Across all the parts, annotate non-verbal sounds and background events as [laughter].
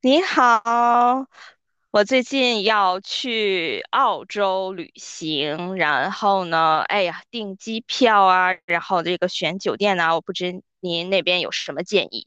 你好，我最近要去澳洲旅行，然后呢，哎呀，订机票啊，然后这个选酒店呐，我不知您那边有什么建议？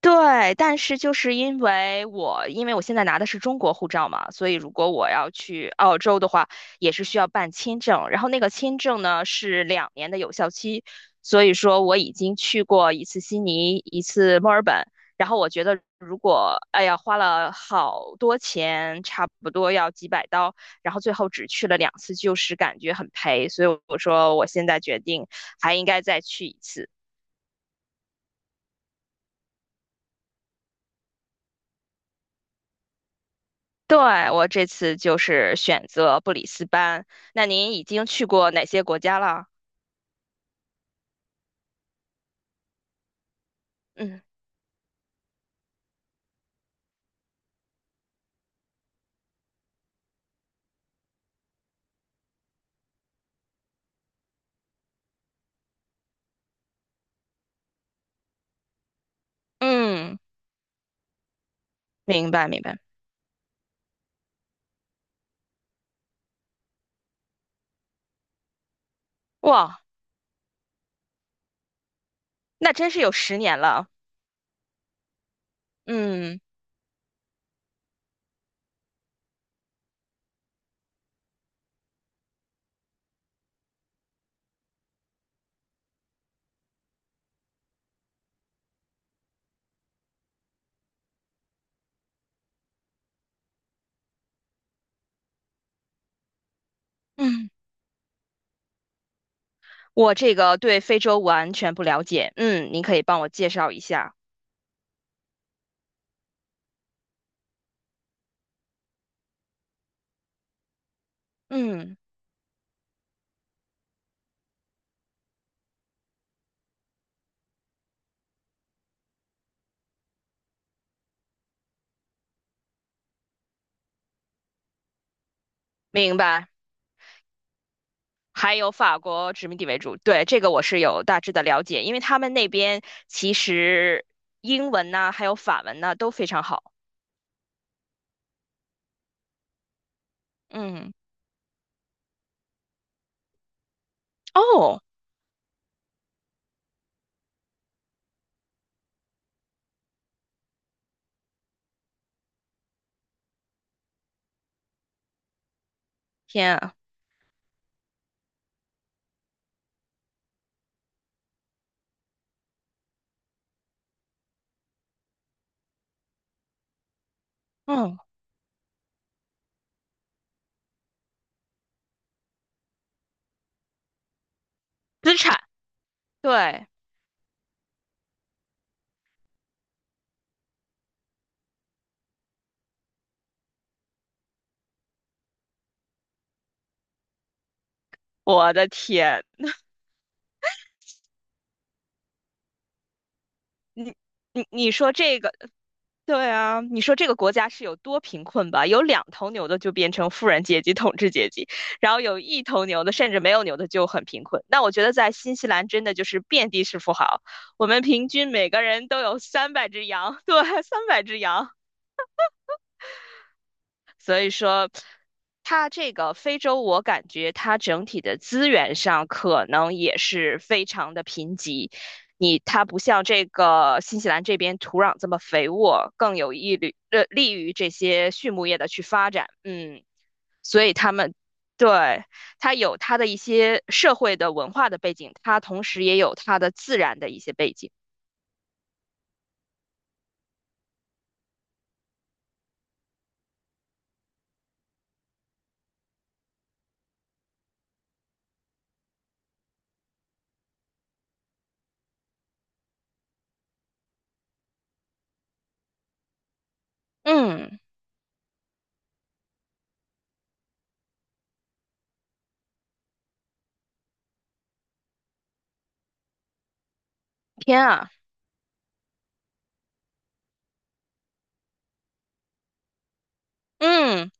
对，但是就是因为我现在拿的是中国护照嘛，所以如果我要去澳洲的话，也是需要办签证。然后那个签证呢是2年的有效期，所以说我已经去过一次悉尼，一次墨尔本。然后我觉得如果，哎呀，花了好多钱，差不多要几百刀，然后最后只去了2次，就是感觉很赔。所以我说我现在决定还应该再去一次。对，我这次就是选择布里斯班。那您已经去过哪些国家了？嗯嗯，明白明白。哇，那真是有10年了。嗯嗯，我这个对非洲完全不了解。嗯，您可以帮我介绍一下。嗯，明白。还有法国殖民地为主，对，这个我是有大致的了解，因为他们那边其实英文呐，还有法文呐，都非常好。嗯，哦，天啊，嗯，资产。对，我的天，你你说这个，对啊，你说这个国家是有多贫困吧？有两头牛的就变成富人阶级、统治阶级，然后有一头牛的甚至没有牛的就很贫困。那我觉得在新西兰真的就是遍地是富豪，我们平均每个人都有三百只羊，对，三百只羊。所以说，它这个非洲，我感觉它整体的资源上可能也是非常的贫瘠。你它不像这个新西兰这边土壤这么肥沃，更有益于利于这些畜牧业的去发展。嗯，所以他们对它有它的一些社会的文化的背景，它同时也有它的自然的一些背景。嗯，天啊，嗯。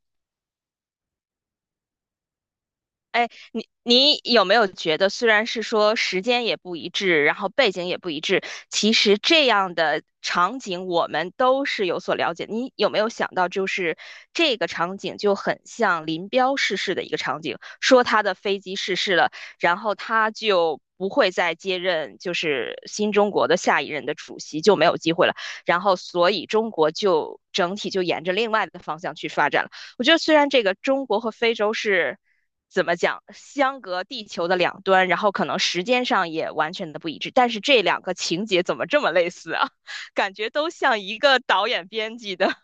哎，你有没有觉得，虽然是说时间也不一致，然后背景也不一致，其实这样的场景我们都是有所了解。你有没有想到，就是这个场景就很像林彪逝世的一个场景，说他的飞机逝世了，然后他就不会再接任就是新中国的下一任的主席，就没有机会了。然后所以中国就整体就沿着另外的方向去发展了。我觉得虽然这个中国和非洲是怎么讲，相隔地球的两端，然后可能时间上也完全的不一致，但是这两个情节怎么这么类似啊？[laughs] 感觉都像一个导演编辑的。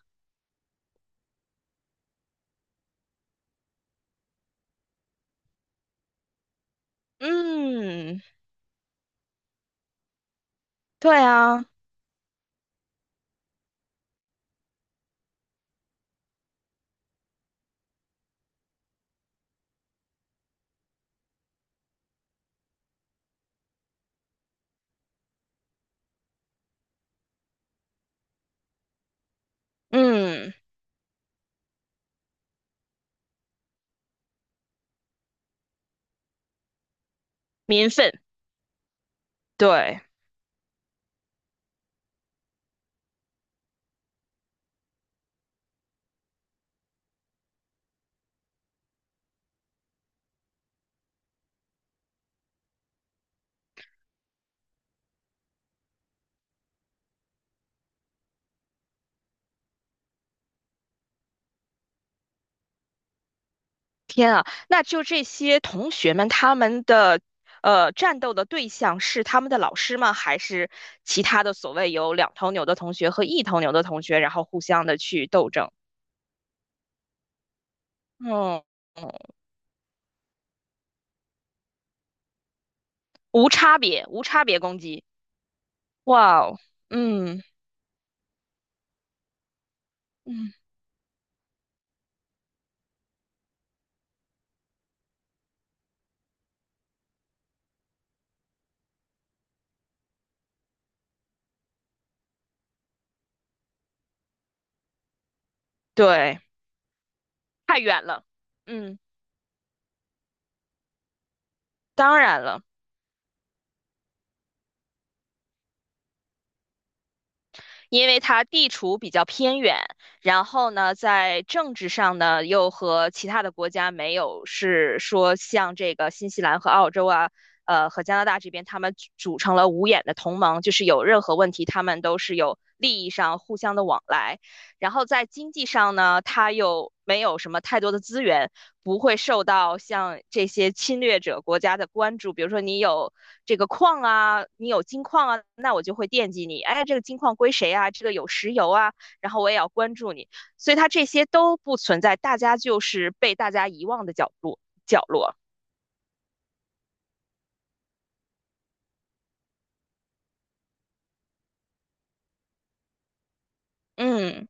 嗯，对啊，嗯，民愤，对。那就这些同学们，他们的战斗的对象是他们的老师吗？还是其他的所谓有两头牛的同学和一头牛的同学，然后互相的去斗争？嗯。嗯。无差别，无差别攻击。哇哦，嗯嗯，对，太远了，嗯，当然了。因为它地处比较偏远，然后呢，在政治上呢，又和其他的国家没有是说像这个新西兰和澳洲啊，和加拿大这边，他们组成了五眼的同盟，就是有任何问题，他们都是有利益上互相的往来。然后在经济上呢，它又没有什么太多的资源，不会受到像这些侵略者国家的关注。比如说，你有这个矿啊，你有金矿啊，那我就会惦记你。哎，这个金矿归谁啊？这个有石油啊，然后我也要关注你。所以它这些都不存在，大家就是被大家遗忘的角落。嗯，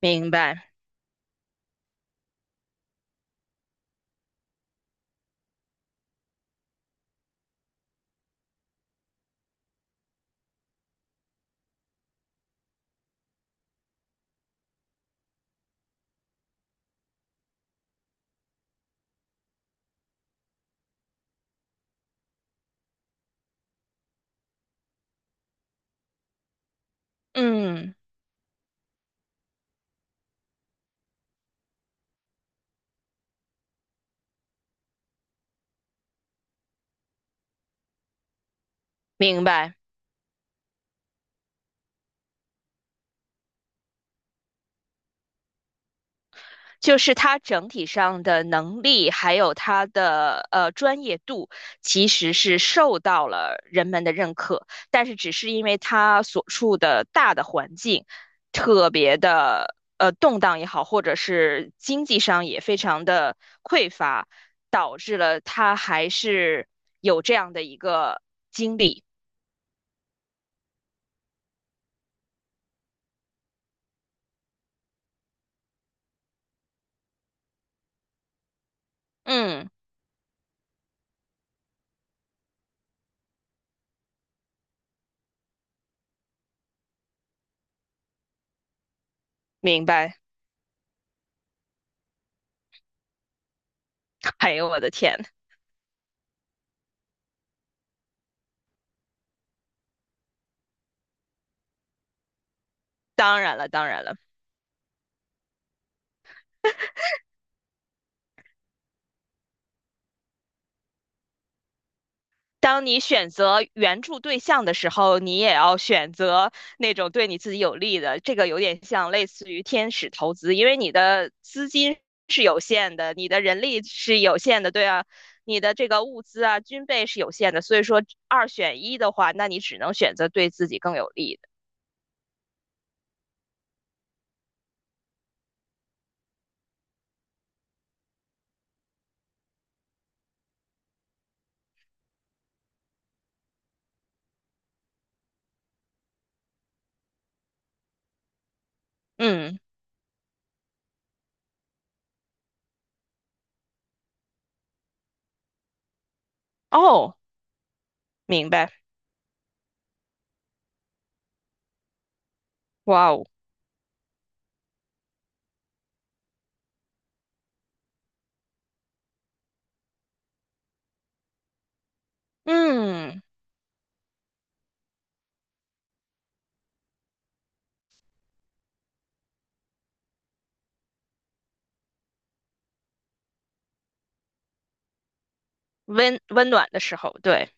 明白。嗯，明白。就是他整体上的能力，还有他的专业度，其实是受到了人们的认可，但是只是因为他所处的大的环境特别的动荡也好，或者是经济上也非常的匮乏，导致了他还是有这样的一个经历。嗯，明白。[laughs] 哎呦，我的天！当然了，当然了。当你选择援助对象的时候，你也要选择那种对你自己有利的。这个有点像类似于天使投资，因为你的资金是有限的，你的人力是有限的，对啊，你的这个物资啊、军备是有限的。所以说二选一的话，那你只能选择对自己更有利的。嗯，哦，明白，哇哦，嗯，温暖的时候，对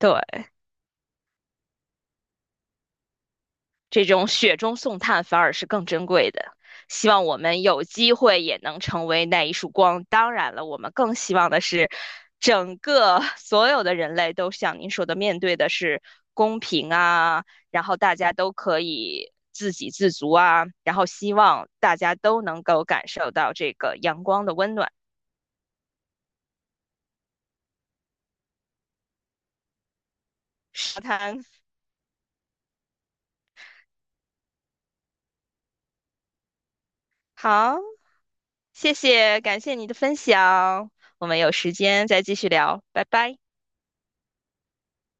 对。这种雪中送炭反而是更珍贵的。希望我们有机会也能成为那一束光。当然了，我们更希望的是，整个 [laughs] 所有的人类都像您说的，面对的是公平啊，然后大家都可以自给自足啊，然后希望大家都能够感受到这个阳光的温暖。好好，谢谢，感谢你的分享，我们有时间再继续聊，拜拜。